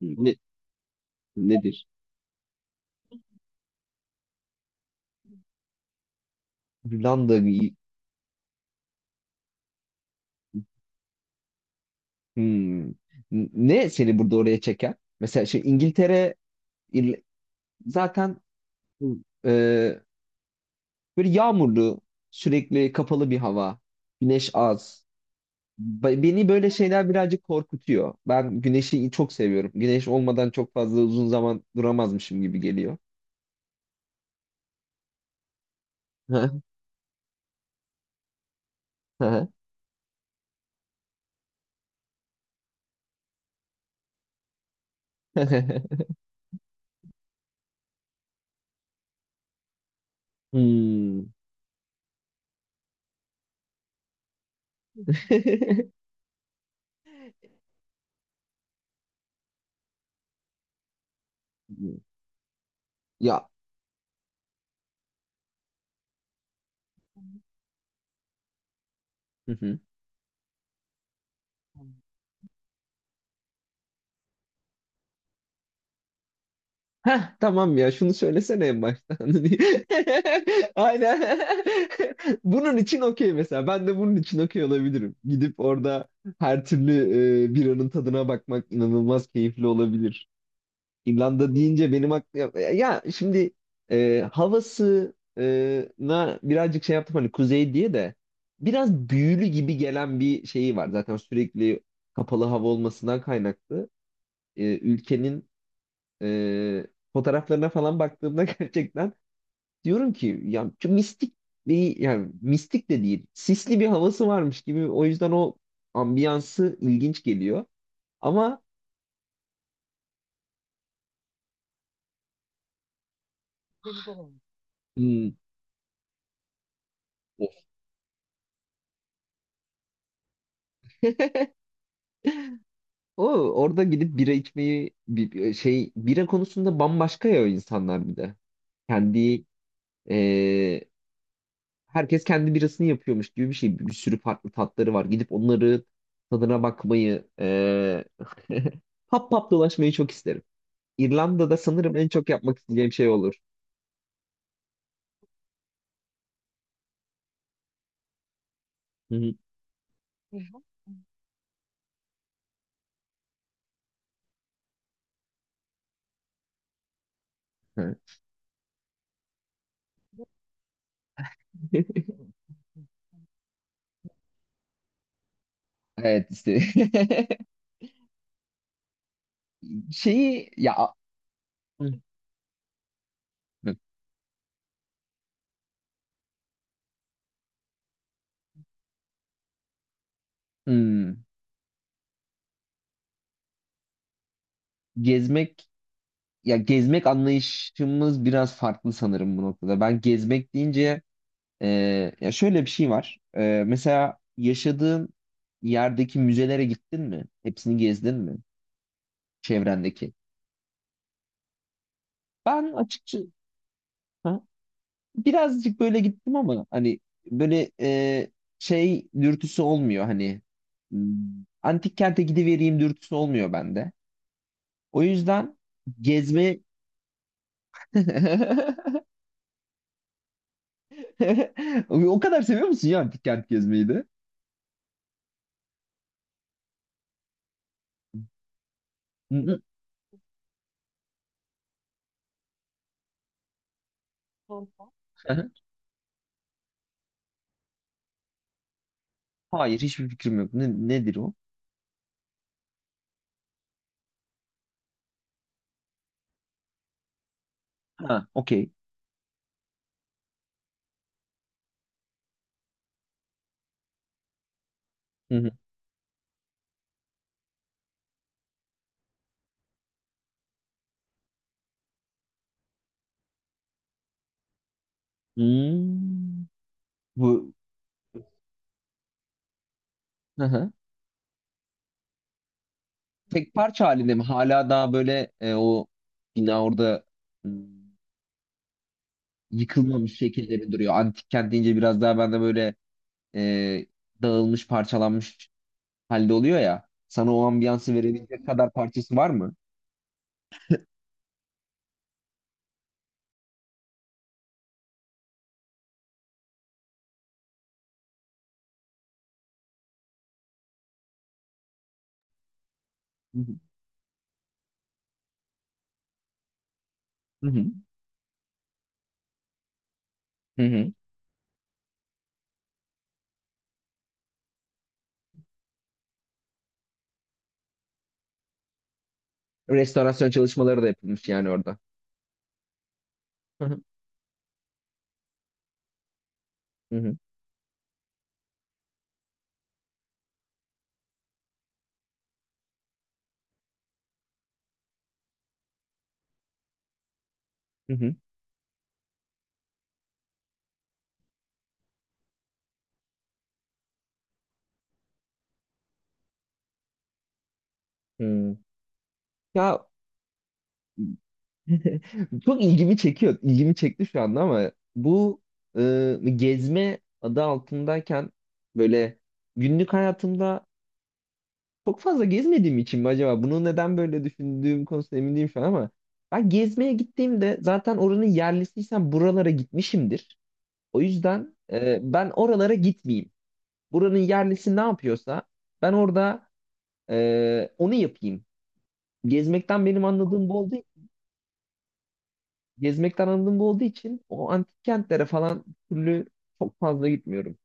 Ne, Nedir? Hollanda. Hmm. Ne seni burada oraya çeker? Mesela şimdi İngiltere, İrl- zaten, e, böyle yağmurlu, sürekli kapalı bir hava, güneş az. Beni böyle şeyler birazcık korkutuyor. Ben güneşi çok seviyorum. Güneş olmadan çok fazla uzun zaman duramazmışım gibi geliyor. Hmm. Ya. Hı hı. Heh, tamam ya, şunu söylesene en baştan. Aynen. Bunun için okey mesela. Ben de bunun için okey olabilirim. Gidip orada her türlü, biranın tadına bakmak inanılmaz keyifli olabilir. İrlanda deyince benim aklıma... Ya, ya şimdi havası, e, na birazcık şey yaptım, hani kuzey diye de biraz büyülü gibi gelen bir şeyi var. Zaten sürekli kapalı hava olmasından kaynaklı. Ülkenin e, fotoğraflarına falan baktığımda gerçekten diyorum ki ya şu mistik bir, yani mistik de değil, sisli bir havası varmış gibi, o yüzden o ambiyansı ilginç geliyor ama. hmm, O orada gidip bira içmeyi bira konusunda bambaşka ya o insanlar. Bir de kendi, e, herkes kendi birasını yapıyormuş gibi bir şey, bir sürü farklı tatları var, gidip onları tadına bakmayı, pap pap dolaşmayı çok isterim. İrlanda'da sanırım en çok yapmak isteyeceğim şey olur. Hı hı. Hı. Evet işte. Şeyi ya, Hı. Hmm. Gezmek, ya gezmek anlayışımız biraz farklı sanırım bu noktada. Ben gezmek deyince, e, ya şöyle bir şey var. Mesela yaşadığın yerdeki müzelere gittin mi? Hepsini gezdin mi? Çevrendeki. Ben açıkçası birazcık böyle gittim ama hani böyle, şey dürtüsü olmuyor, hani, hmm, antik kente gidivereyim dürtüsü olmuyor bende. O yüzden gezme o kadar seviyor musun ya antik kent gezmeyi de? Hı hı. Hı hı. Hayır, hiçbir fikrim yok. Nedir o? Ha, okey. Hı hı. Hmm. Bu. Hı hı. Tek parça halinde mi? Hala daha böyle, o bina orada, hmm, yıkılmamış şekilde bir duruyor. Antik kent deyince biraz daha bende böyle, e, dağılmış, parçalanmış halde oluyor ya. Sana o ambiyansı verebilecek kadar parçası var mı? Hı hı. Hı hı. Hı hı. Restorasyon çalışmaları da yapılmış yani orada. Hı hı. Hı hı. Hı hı. Hı. Ya, çok ilgimi çekiyor. İlgimi çekti şu anda ama bu, gezme adı altındayken, böyle günlük hayatımda çok fazla gezmediğim için mi acaba? Bunu neden böyle düşündüğüm konusunda emin değilim şu an ama ben gezmeye gittiğimde zaten oranın yerlisiysem buralara gitmişimdir. O yüzden, ben oralara gitmeyeyim. Buranın yerlisi ne yapıyorsa ben orada, onu yapayım. Gezmekten benim anladığım bu olduğu Gezmekten anladığım bu olduğu için o antik kentlere falan türlü çok fazla gitmiyorum.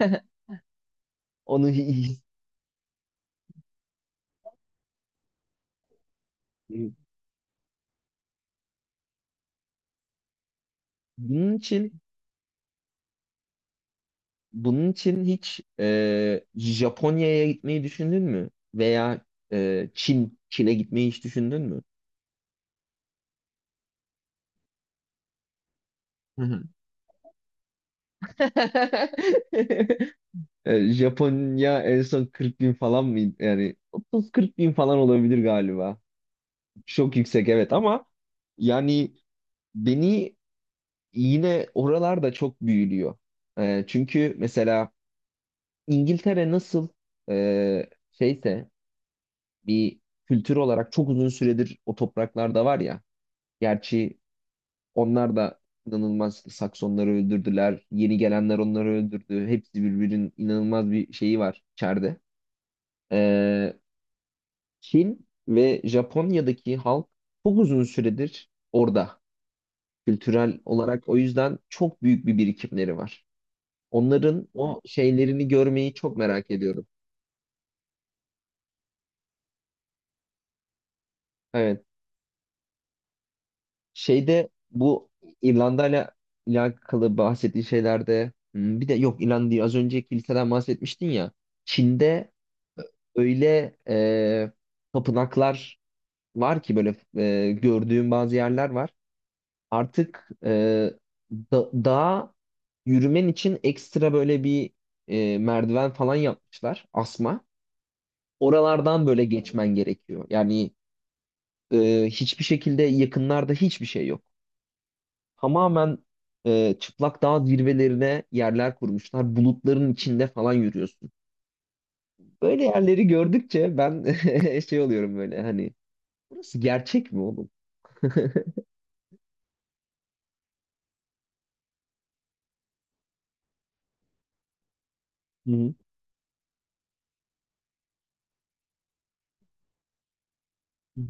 Onu. bunun için Bunun için hiç, Japonya'ya gitmeyi düşündün mü? Veya Çin'e gitmeyi hiç düşündün mü? Hı hı. Japonya en son 40 bin falan mıydı? Yani 30-40 bin falan olabilir galiba. Çok yüksek, evet, ama yani beni yine oralarda çok büyülüyor. Çünkü mesela İngiltere nasıl, şeyse, bir kültür olarak çok uzun süredir o topraklarda var ya. Gerçi onlar da inanılmaz işte, Saksonları öldürdüler, yeni gelenler onları öldürdü, hepsi birbirinin inanılmaz bir şeyi var içeride. Ee, Çin ve Japonya'daki halk çok uzun süredir orada, kültürel olarak. O yüzden çok büyük bir birikimleri var. Onların o şeylerini görmeyi çok merak ediyorum. Evet. Şeyde, bu İrlanda'yla alakalı bahsettiğin şeylerde, hmm, bir de yok, İrlanda değil, az önce kiliseden bahsetmiştin ya. Çin'de öyle, tapınaklar var ki böyle, gördüğüm bazı yerler var. Artık, dağa yürümen için ekstra böyle bir, merdiven falan yapmışlar, asma. Oralardan böyle geçmen gerekiyor. Yani, hiçbir şekilde yakınlarda hiçbir şey yok. Tamamen, çıplak dağ zirvelerine yerler kurmuşlar. Bulutların içinde falan yürüyorsun. Böyle yerleri gördükçe ben şey oluyorum böyle hani, burası gerçek mi oğlum? Hı hı. Hı.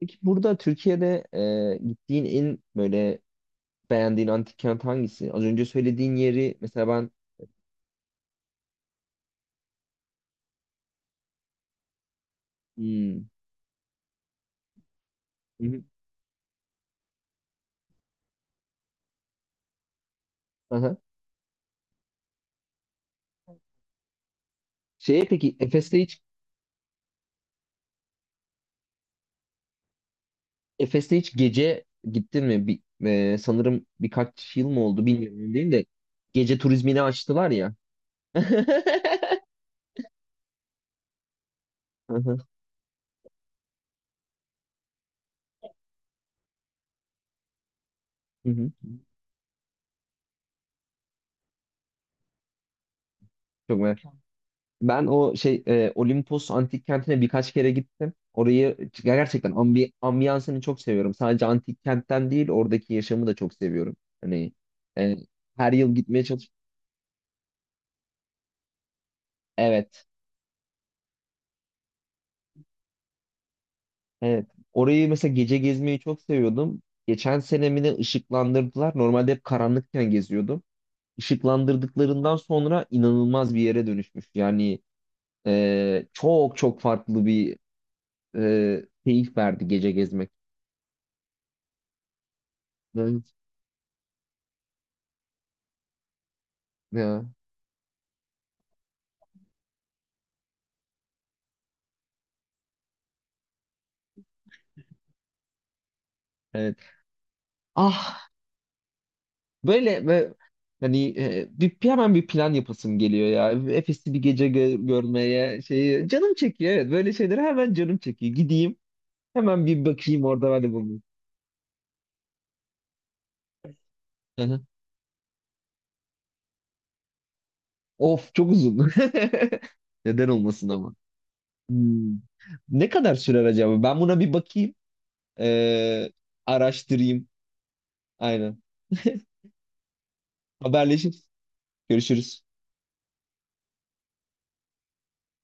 Peki burada Türkiye'de, gittiğin en böyle beğendiğin antik kent hangisi? Az önce söylediğin yeri mesela ben. Hmm. Hı hı. Aha. Şeye, peki Efes'te hiç gece gittin mi? Sanırım birkaç yıl mı oldu bilmiyorum değil de, gece turizmini açtılar ya. Hı hı. Hı hı. Çok merak. Ben Olimpos antik kentine birkaç kere gittim. Orayı gerçekten ambiyansını çok seviyorum. Sadece antik kentten değil, oradaki yaşamı da çok seviyorum. Hani, e, her yıl gitmeye çalış. Evet, evet. Orayı mesela gece gezmeyi çok seviyordum. Geçen senemini ışıklandırdılar. Normalde hep karanlıkken geziyordum. Işıklandırdıklarından sonra inanılmaz bir yere dönüşmüş. Yani, çok çok farklı bir, keyif verdi gece gezmek. Evet. Ya, evet. Ah. Böyle, ve hani, hemen bir plan yapasım geliyor ya. Efes'i bir gece görmeye şeyi canım çekiyor, evet. Böyle şeylere hemen canım çekiyor. Gideyim hemen bir bakayım, orada ben de bulunayım. Hı hı. Of, çok uzun. Neden olmasın ama. Hmm. Ne kadar sürer acaba? Ben buna bir bakayım. Ee, Araştırayım. Aynen. Haberleşiriz. Görüşürüz.